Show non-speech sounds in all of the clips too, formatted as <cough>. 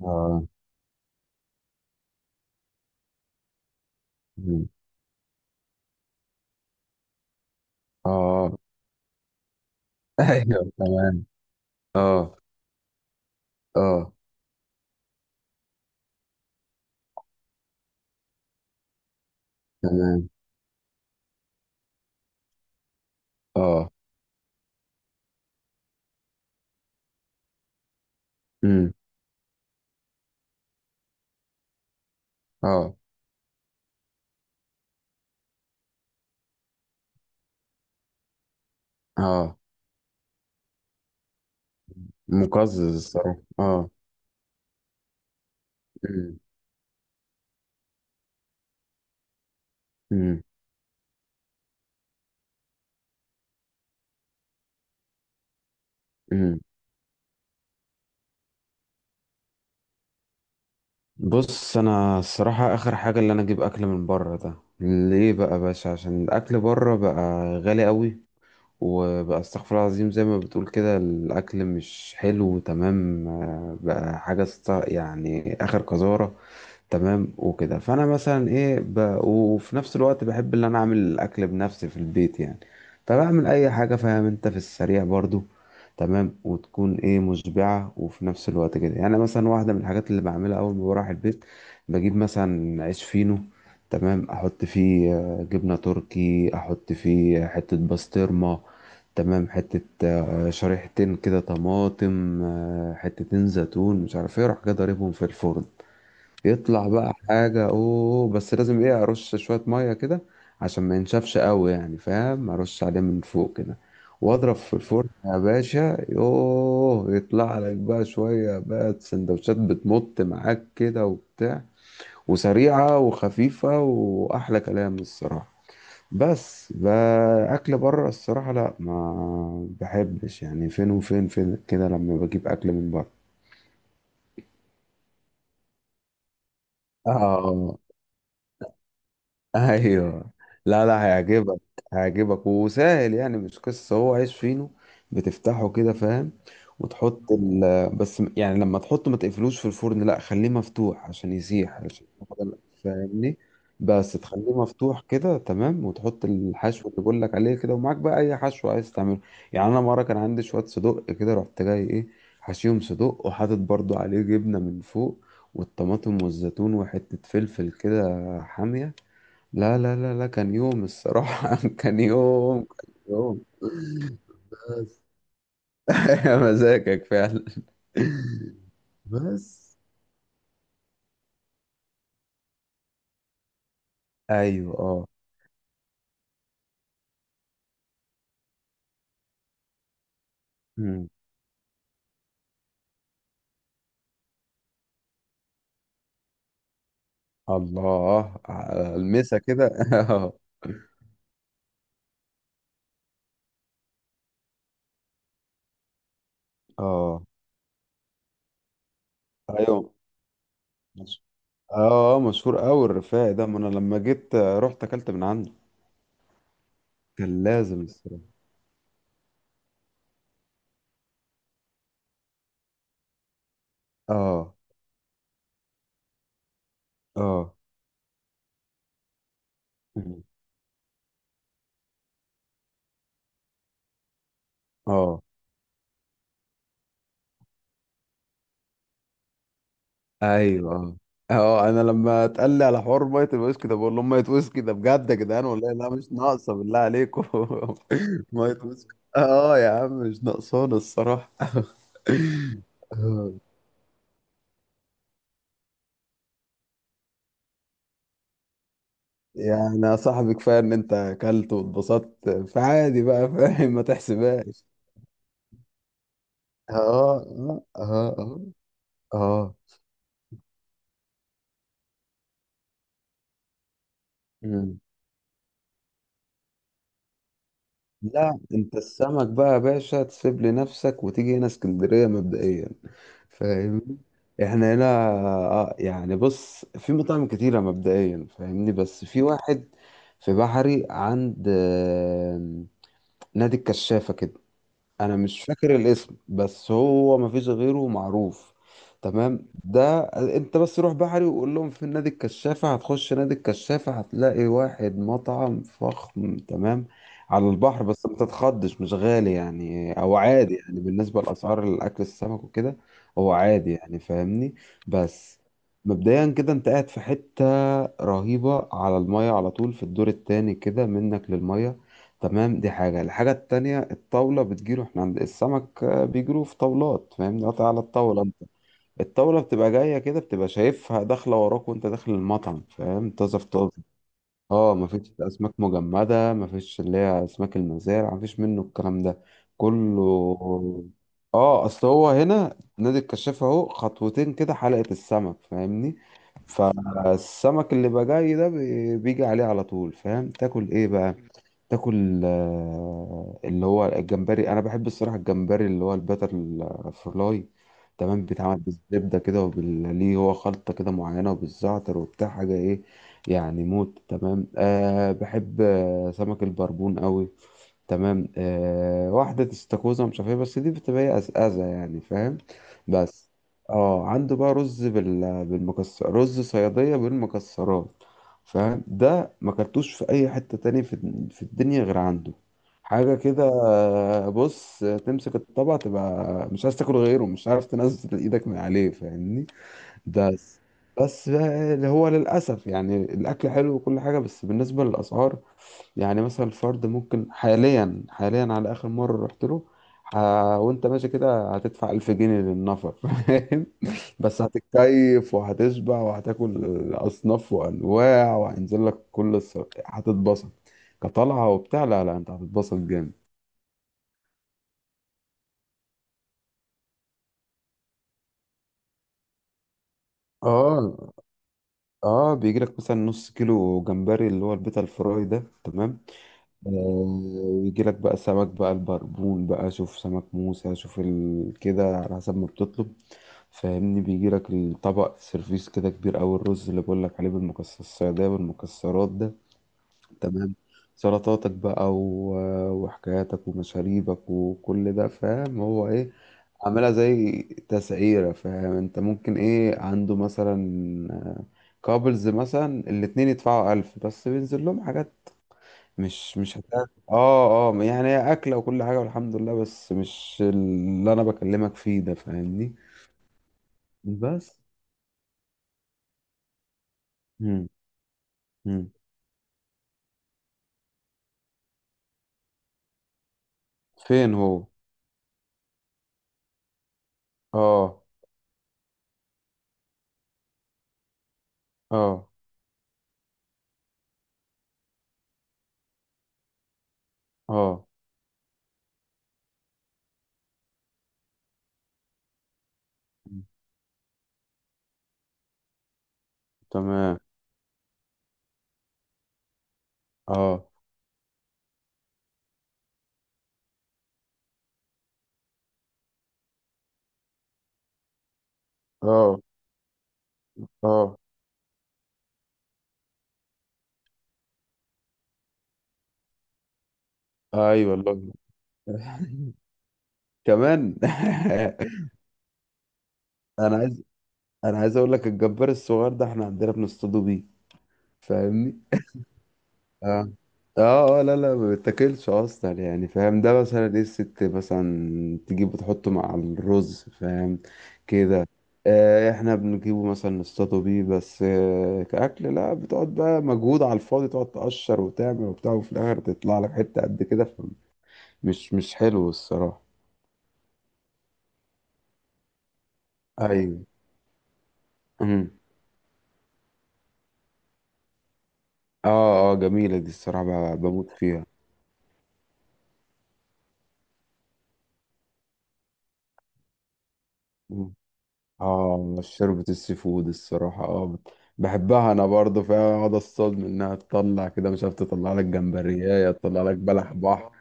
اه. مم. اه. <laughs> ايوه، تمام. اه. اه. تمام. اه. امم. اه. اه. مقزز الصراحه، اه. امم، امم، امم. بص، انا الصراحه اخر حاجه اللي انا اجيب اكل من بره ده، ليه بقى يا باشا؟ عشان الاكل بره بقى غالي قوي. وبقى استغفر الله العظيم، زي ما بتقول كده الاكل مش حلو، تمام. بقى حاجه يعني اخر قذاره. تمام، وكده فانا مثلا ايه وفي نفس الوقت بحب ان انا اعمل الاكل بنفسي في البيت، يعني. فبعمل اي حاجه، فاهم انت، في السريع برضو. تمام، وتكون ايه مشبعه، وفي نفس الوقت كده يعني، مثلا واحده من الحاجات اللي بعملها اول ما بروح البيت، بجيب مثلا عيش فينو. تمام، احط فيه جبنه تركي، احط فيه حته بسطرمه. تمام، حتة شريحتين كده طماطم، حتتين زيتون، مش عارف ايه، اروح كده ضاربهم في الفرن. يطلع بقى حاجة اوه، بس لازم ايه ارش شوية مية كده، عشان ما ينشفش قوي يعني، فاهم، ارش عليه من فوق كده. واضرب في الفرن يا باشا، يوه، يطلع لك بقى شوية بقى سندوتشات بتمط معاك كده وبتاع، وسريعة وخفيفة، واحلى كلام الصراحة. بس بقى اكل بره، الصراحة لا، ما بحبش يعني، فين وفين فين كده لما بجيب اكل من بره. اه. ايوه. لا لا، هيعجبك. هيعجبك وسهل، يعني مش قصه، هو عيش فينو، بتفتحه كده، فاهم. وتحط ال، بس يعني لما تحطه ما تقفلوش في الفرن، لا خليه مفتوح عشان يسيح، عشان فاهمني. بس تخليه مفتوح كده، تمام، وتحط الحشو اللي بقول لك عليه كده، ومعاك بقى اي حشو عايز تعمله. يعني انا مره كان عندي شويه صدق كده، رحت جاي ايه، حشيهم صدق، وحاطط برضو عليه جبنه من فوق، والطماطم والزيتون وحته فلفل كده، حاميه. لا لا لا لا، كان يوم الصراحة. <laughs> كان يوم، كان يوم. بس. <laughs> يا مزاجك فعلا. بس. ايوه، اه. مم. الله، المسا كده. <laughs> اه. اه، ايوه. مش- اه، مشهور قوي الرفاعي ده، ما انا لما جيت رحت اكلت من عنده. كان لازم الصراحة. اه. اه. مم. اه. ايوه. اه، انا لما اتقال لي على حوار ميه الويسكي ده، بقول لهم ميه ويسكي ده بجد يا جدعان، والله لا مش ناقصه، بالله عليكم. <laughs> ميه ويسكي، اه يا عم مش ناقصانا الصراحه. <laughs> آه، يعني يا صاحبي كفايه ان انت اكلت واتبسطت، فعادي بقى، فاهم، ما تحسبهاش. اه. اه. اه. اه. اه. مم. لا، انت السمك بقى يا باشا تسيب لنفسك، وتيجي هنا اسكندريه مبدئيا، فاهمني. احنا هنا يعني، بص في مطاعم كتيرة مبدئيا، فاهمني، بس في واحد في بحري، عند نادي الكشافة كده. انا مش فاكر الاسم، بس هو مفيش غيره معروف. تمام. ده، انت بس روح بحري، وقول لهم في نادي الكشافة، هتخش نادي الكشافة هتلاقي واحد مطعم فخم، تمام، على البحر. بس ما تتخضش، مش غالي يعني، او عادي يعني بالنسبة لأسعار الأكل السمك وكده. هو عادي يعني، فاهمني. بس، مبدئيا كده انت قاعد في حتة رهيبة، على المية على طول، في الدور التاني كده منك للمية. تمام، دي حاجة. الحاجة التانية، الطاولة بتجيله، احنا عند السمك بيجيله في طاولات، فاهمني، قاطع على الطاولة انت. الطاولة بتبقى جاية كده، بتبقى شايفها داخلة وراك وانت داخل المطعم، فاهم، طازة في طازة. اه، مفيش أسماك مجمدة، مفيش اللي هي أسماك المزارع، مفيش منه الكلام ده كله. اه، اصل هو هنا نادي الكشاف اهو خطوتين كده حلقة السمك، فاهمني. فالسمك اللي بقى جاي ده، بيجي عليه على طول، فاهم، تاكل ايه بقى؟ تاكل اللي هو الجمبري، انا بحب الصراحه الجمبري اللي هو البتر فلاي. تمام، بيتعمل بالزبده كده، وبال ليه هو خلطه كده معينه، وبالزعتر وبتاع حاجه ايه، يعني موت. تمام. أه بحب سمك البربون قوي. تمام، واحدة استاكوزا مش عارف ايه، بس دي بتبقى أزأزة يعني، فاهم. بس، اه، عنده بقى رز بالمكسر، رز صيادية بالمكسرات، فاهم، ده ما كلتوش في أي حتة تاني في الدنيا غير عنده. حاجة كده. بص، تمسك الطبق تبقى مش عايز تاكل غيره، مش عارف تنزل ايدك من عليه، فاهمني. بس بس بقى، اللي هو للأسف يعني الأكل حلو وكل حاجة، بس بالنسبة للأسعار، يعني مثلا الفرد ممكن، حاليا حاليا، على آخر مرة رحت له، ه... وأنت ماشي كده هتدفع 1000 جنيه للنفر. <laughs> فاهم، بس هتتكيف وهتشبع وهتاكل أصناف وأنواع، وهينزل لك كل هتتبسط كطلعة وبتاع، لا لا أنت هتتبسط جامد. اه، اه، بيجي لك مثلا نص كيلو جمبري اللي هو البيتا الفراي ده، تمام. ويجي لك بقى السمك بقى، البربون بقى، شوف سمك موسى، شوف كده على حسب ما بتطلب، فاهمني. بيجي لك الطبق سيرفيس كده كبير أوي، الرز اللي بقول لك عليه بالمكسرات السعودية، بالمكسرات ده، تمام. سلطاتك بقى و... آه، وحكاياتك ومشاريبك وكل ده، فاهم هو ايه، عاملها زي تسعيرة، فاهم، انت ممكن ايه عنده مثلا آه، كابلز مثلا، الاتنين يدفعوا 1000 بس بينزل لهم حاجات، مش هتاكل، اه اه، يعني هي اكله وكل حاجه والحمد لله، بس مش اللي انا بكلمك فيه ده، فاهمني. بس. مم. مم. فين هو؟ اه. اه. اه. مم. تمام. اه. اه. اه. ايوه والله. <laughs> كمان. <laughs> انا عايز انا عايز اقول لك الجبار الصغير ده، احنا عندنا بنصطادوا بيه، فاهمني. اه. اه. اه. لا لا، ما بيتاكلش اصلا يعني، فاهم، ده مثلا ايه، الست مثلا تجيبه تحطه مع الرز، فاهم كده. احنا بنجيبه مثلا نصطاده بيه بس، كأكل لا، بتقعد بقى مجهود على الفاضي، تقعد تقشر وتعمل وبتاع، وفي الاخر تطلع لك حتة قد كده، مش حلو الصراحة. ايوه. امم. اه. اه، جميلة دي الصراحة، بموت فيها. اه، شوربة السي فود الصراحة اه، بحبها انا برضو، فيها اقعد اصطاد منها تطلع كده مش عارف، تطلع لك جمبرية، تطلع لك بلح بحر.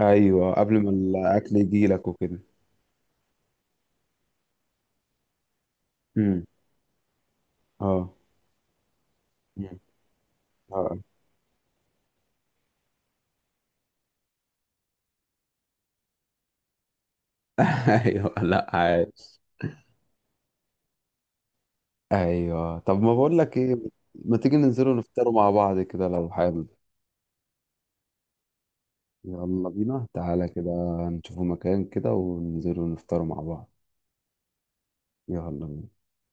ايوه، قبل ما الاكل يجي لك وكده. امم. اه. مم. اه. <laughs> ايوه، لا عايش. ايوه، طب ما بقول لك ايه، ما تيجي ننزلوا نفطروا مع بعض كده، لو حابب. يلا بينا، تعالى كده، نشوفوا مكان كده وننزلوا نفطروا مع بعض. يلا بينا.